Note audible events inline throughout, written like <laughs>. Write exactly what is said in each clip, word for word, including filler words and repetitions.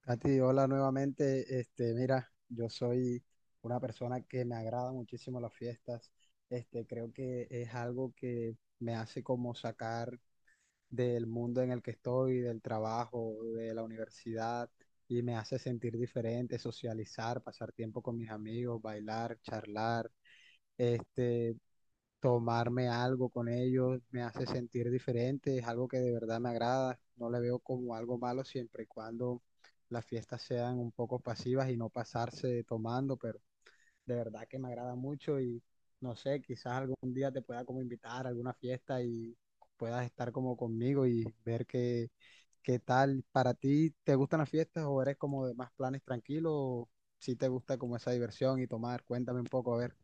Katy, hola nuevamente. Este, mira, yo soy una persona que me agrada muchísimo las fiestas. Este, creo que es algo que me hace como sacar del mundo en el que estoy, del trabajo, de la universidad, y me hace sentir diferente, socializar, pasar tiempo con mis amigos, bailar, charlar. Este, tomarme algo con ellos me hace sentir diferente, es algo que de verdad me agrada, no le veo como algo malo siempre y cuando las fiestas sean un poco pasivas y no pasarse tomando, pero de verdad que me agrada mucho y no sé, quizás algún día te pueda como invitar a alguna fiesta y puedas estar como conmigo y ver qué, qué tal para ti. ¿Te gustan las fiestas o eres como de más planes tranquilos o si te gusta como esa diversión y tomar? Cuéntame un poco, a ver.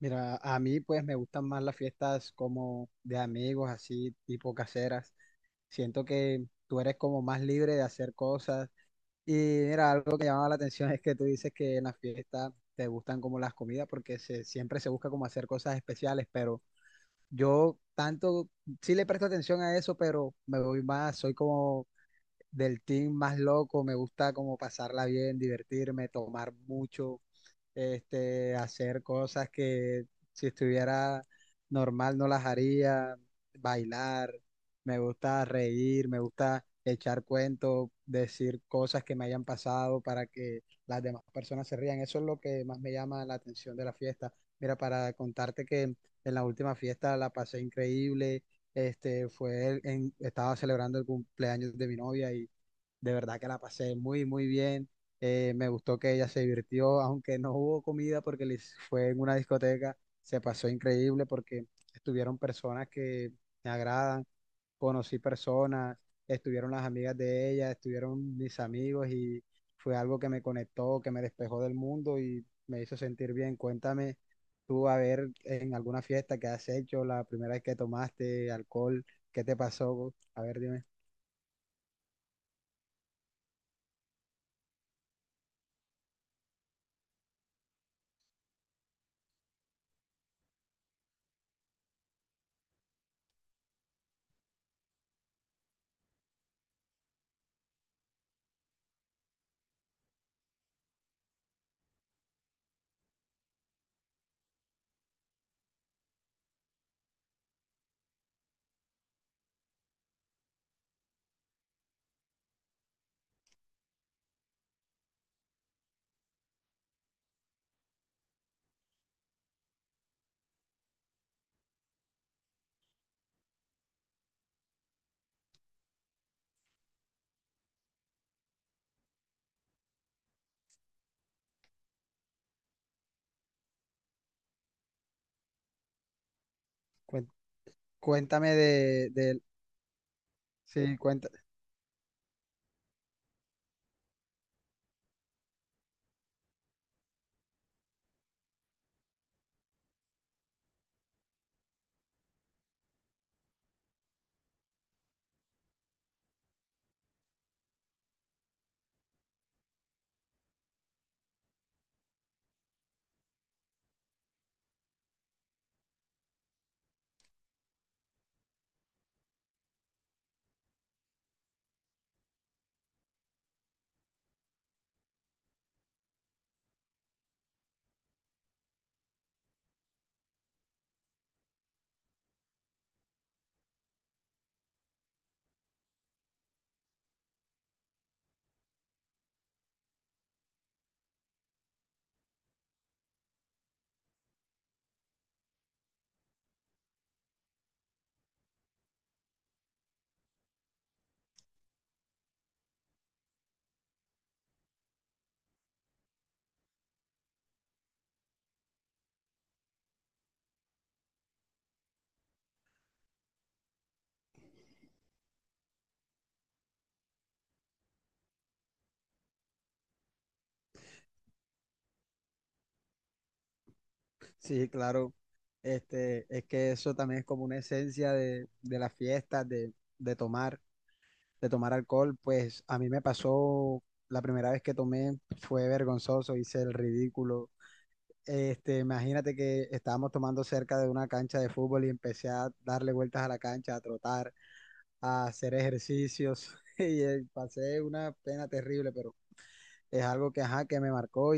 Mira, a mí pues me gustan más las fiestas como de amigos, así tipo caseras. Siento que tú eres como más libre de hacer cosas. Y mira, algo que llamaba la atención es que tú dices que en las fiestas te gustan como las comidas porque se, siempre se busca como hacer cosas especiales, pero yo tanto sí le presto atención a eso, pero me voy más, soy como del team más loco, me gusta como pasarla bien, divertirme, tomar mucho, este, hacer cosas que si estuviera normal no las haría, bailar, me gusta reír, me gusta echar cuentos, decir cosas que me hayan pasado para que las demás personas se rían. Eso es lo que más me llama la atención de la fiesta. Mira, para contarte que en la última fiesta la pasé increíble. Este fue el- en- estaba celebrando el cumpleaños de mi novia y de verdad que la pasé muy, muy bien. Eh, me gustó que ella se divirtió, aunque no hubo comida porque les fue en una discoteca. Se pasó increíble porque estuvieron personas que me agradan, conocí personas, estuvieron las amigas de ella, estuvieron mis amigos y fue algo que me conectó, que me despejó del mundo y me hizo sentir bien. Cuéntame tú a ver en alguna fiesta que has hecho, la primera vez que tomaste alcohol, ¿qué te pasó? A ver, dime. Cuen- Cuéntame de, de Sí, cuenta, sí, claro. Este, es que eso también es como una esencia de, de las fiestas, de, de tomar, de tomar alcohol. Pues a mí me pasó la primera vez que tomé, fue vergonzoso, hice el ridículo. Este, imagínate que estábamos tomando cerca de una cancha de fútbol y empecé a darle vueltas a la cancha, a trotar, a hacer ejercicios <laughs> y eh, pasé una pena terrible, pero es algo que, ajá, que me marcó.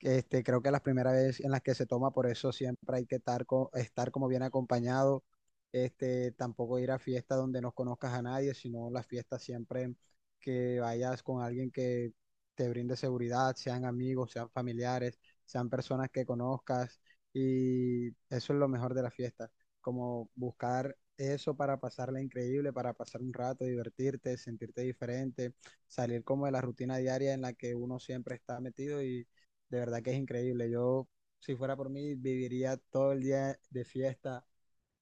Este, creo que las primeras veces en las que se toma, por eso siempre hay que estar, co- estar como bien acompañado. Este, tampoco ir a fiestas donde no conozcas a nadie, sino las fiestas siempre que vayas con alguien que te brinde seguridad, sean amigos, sean familiares, sean personas que conozcas. Y eso es lo mejor de la fiesta, como buscar eso para pasarla increíble, para pasar un rato, divertirte, sentirte diferente, salir como de la rutina diaria en la que uno siempre está metido y de verdad que es increíble. Yo, si fuera por mí, viviría todo el día de fiesta,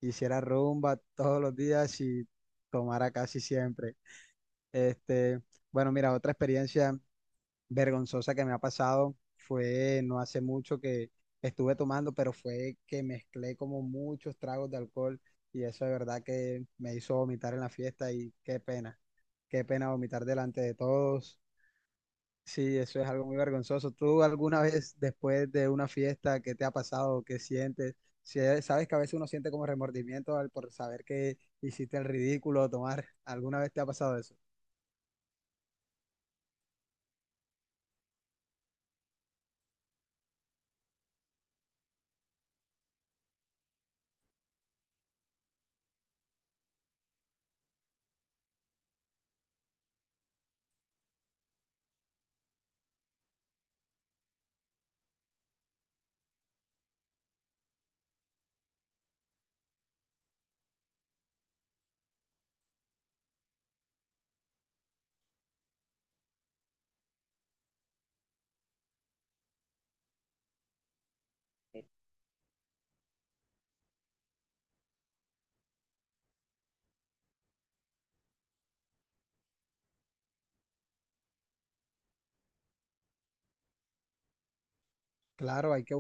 hiciera rumba todos los días y tomara casi siempre. Este, bueno, mira, otra experiencia vergonzosa que me ha pasado fue no hace mucho que estuve tomando, pero fue que mezclé como muchos tragos de alcohol y eso de verdad que me hizo vomitar en la fiesta y qué pena, qué pena vomitar delante de todos. Sí, eso es algo muy vergonzoso. ¿Tú alguna vez después de una fiesta, qué te ha pasado? ¿Qué sientes? Si- eh, Sabes que a veces uno siente como remordimiento al por saber que hiciste el ridículo, tomar. ¿Alguna vez te ha pasado eso? Claro, hay que,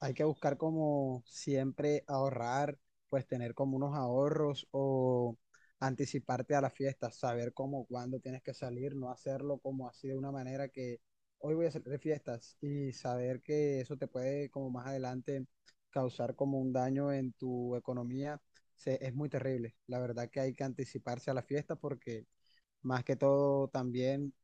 Hay que buscar como siempre ahorrar, pues tener como unos ahorros o anticiparte a las fiestas saber cómo, cuándo tienes que salir, no hacerlo como así de una manera que hoy voy a salir de fiestas y saber que eso te puede como más adelante causar como un daño en tu economía, se- es muy terrible. La verdad que hay que anticiparse a la fiesta porque más que todo también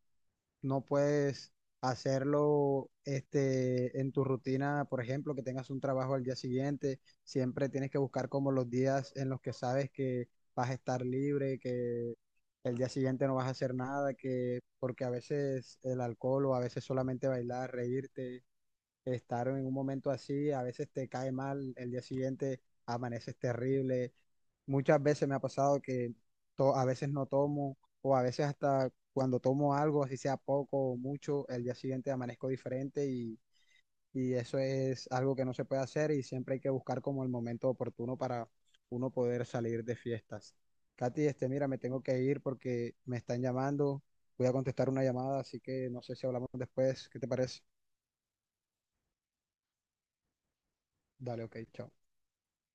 no puedes hacerlo este, en tu rutina, por ejemplo, que tengas un trabajo al día siguiente, siempre tienes que buscar como los días en los que sabes que vas a estar libre, que el día siguiente no vas a hacer nada, que porque a veces el alcohol o a veces solamente bailar, reírte, estar en un momento así, a veces te cae mal, el día siguiente amaneces terrible. Muchas veces me ha pasado que to- a veces no tomo o a veces hasta cuando tomo algo, así sea poco o mucho, el día siguiente amanezco diferente y, y eso es algo que no se puede hacer y siempre hay que buscar como el momento oportuno para uno poder salir de fiestas. Katy, este, mira, me tengo que ir porque me están llamando, voy a contestar una llamada, así que no sé si hablamos después, ¿qué te parece? Dale, ok, chao.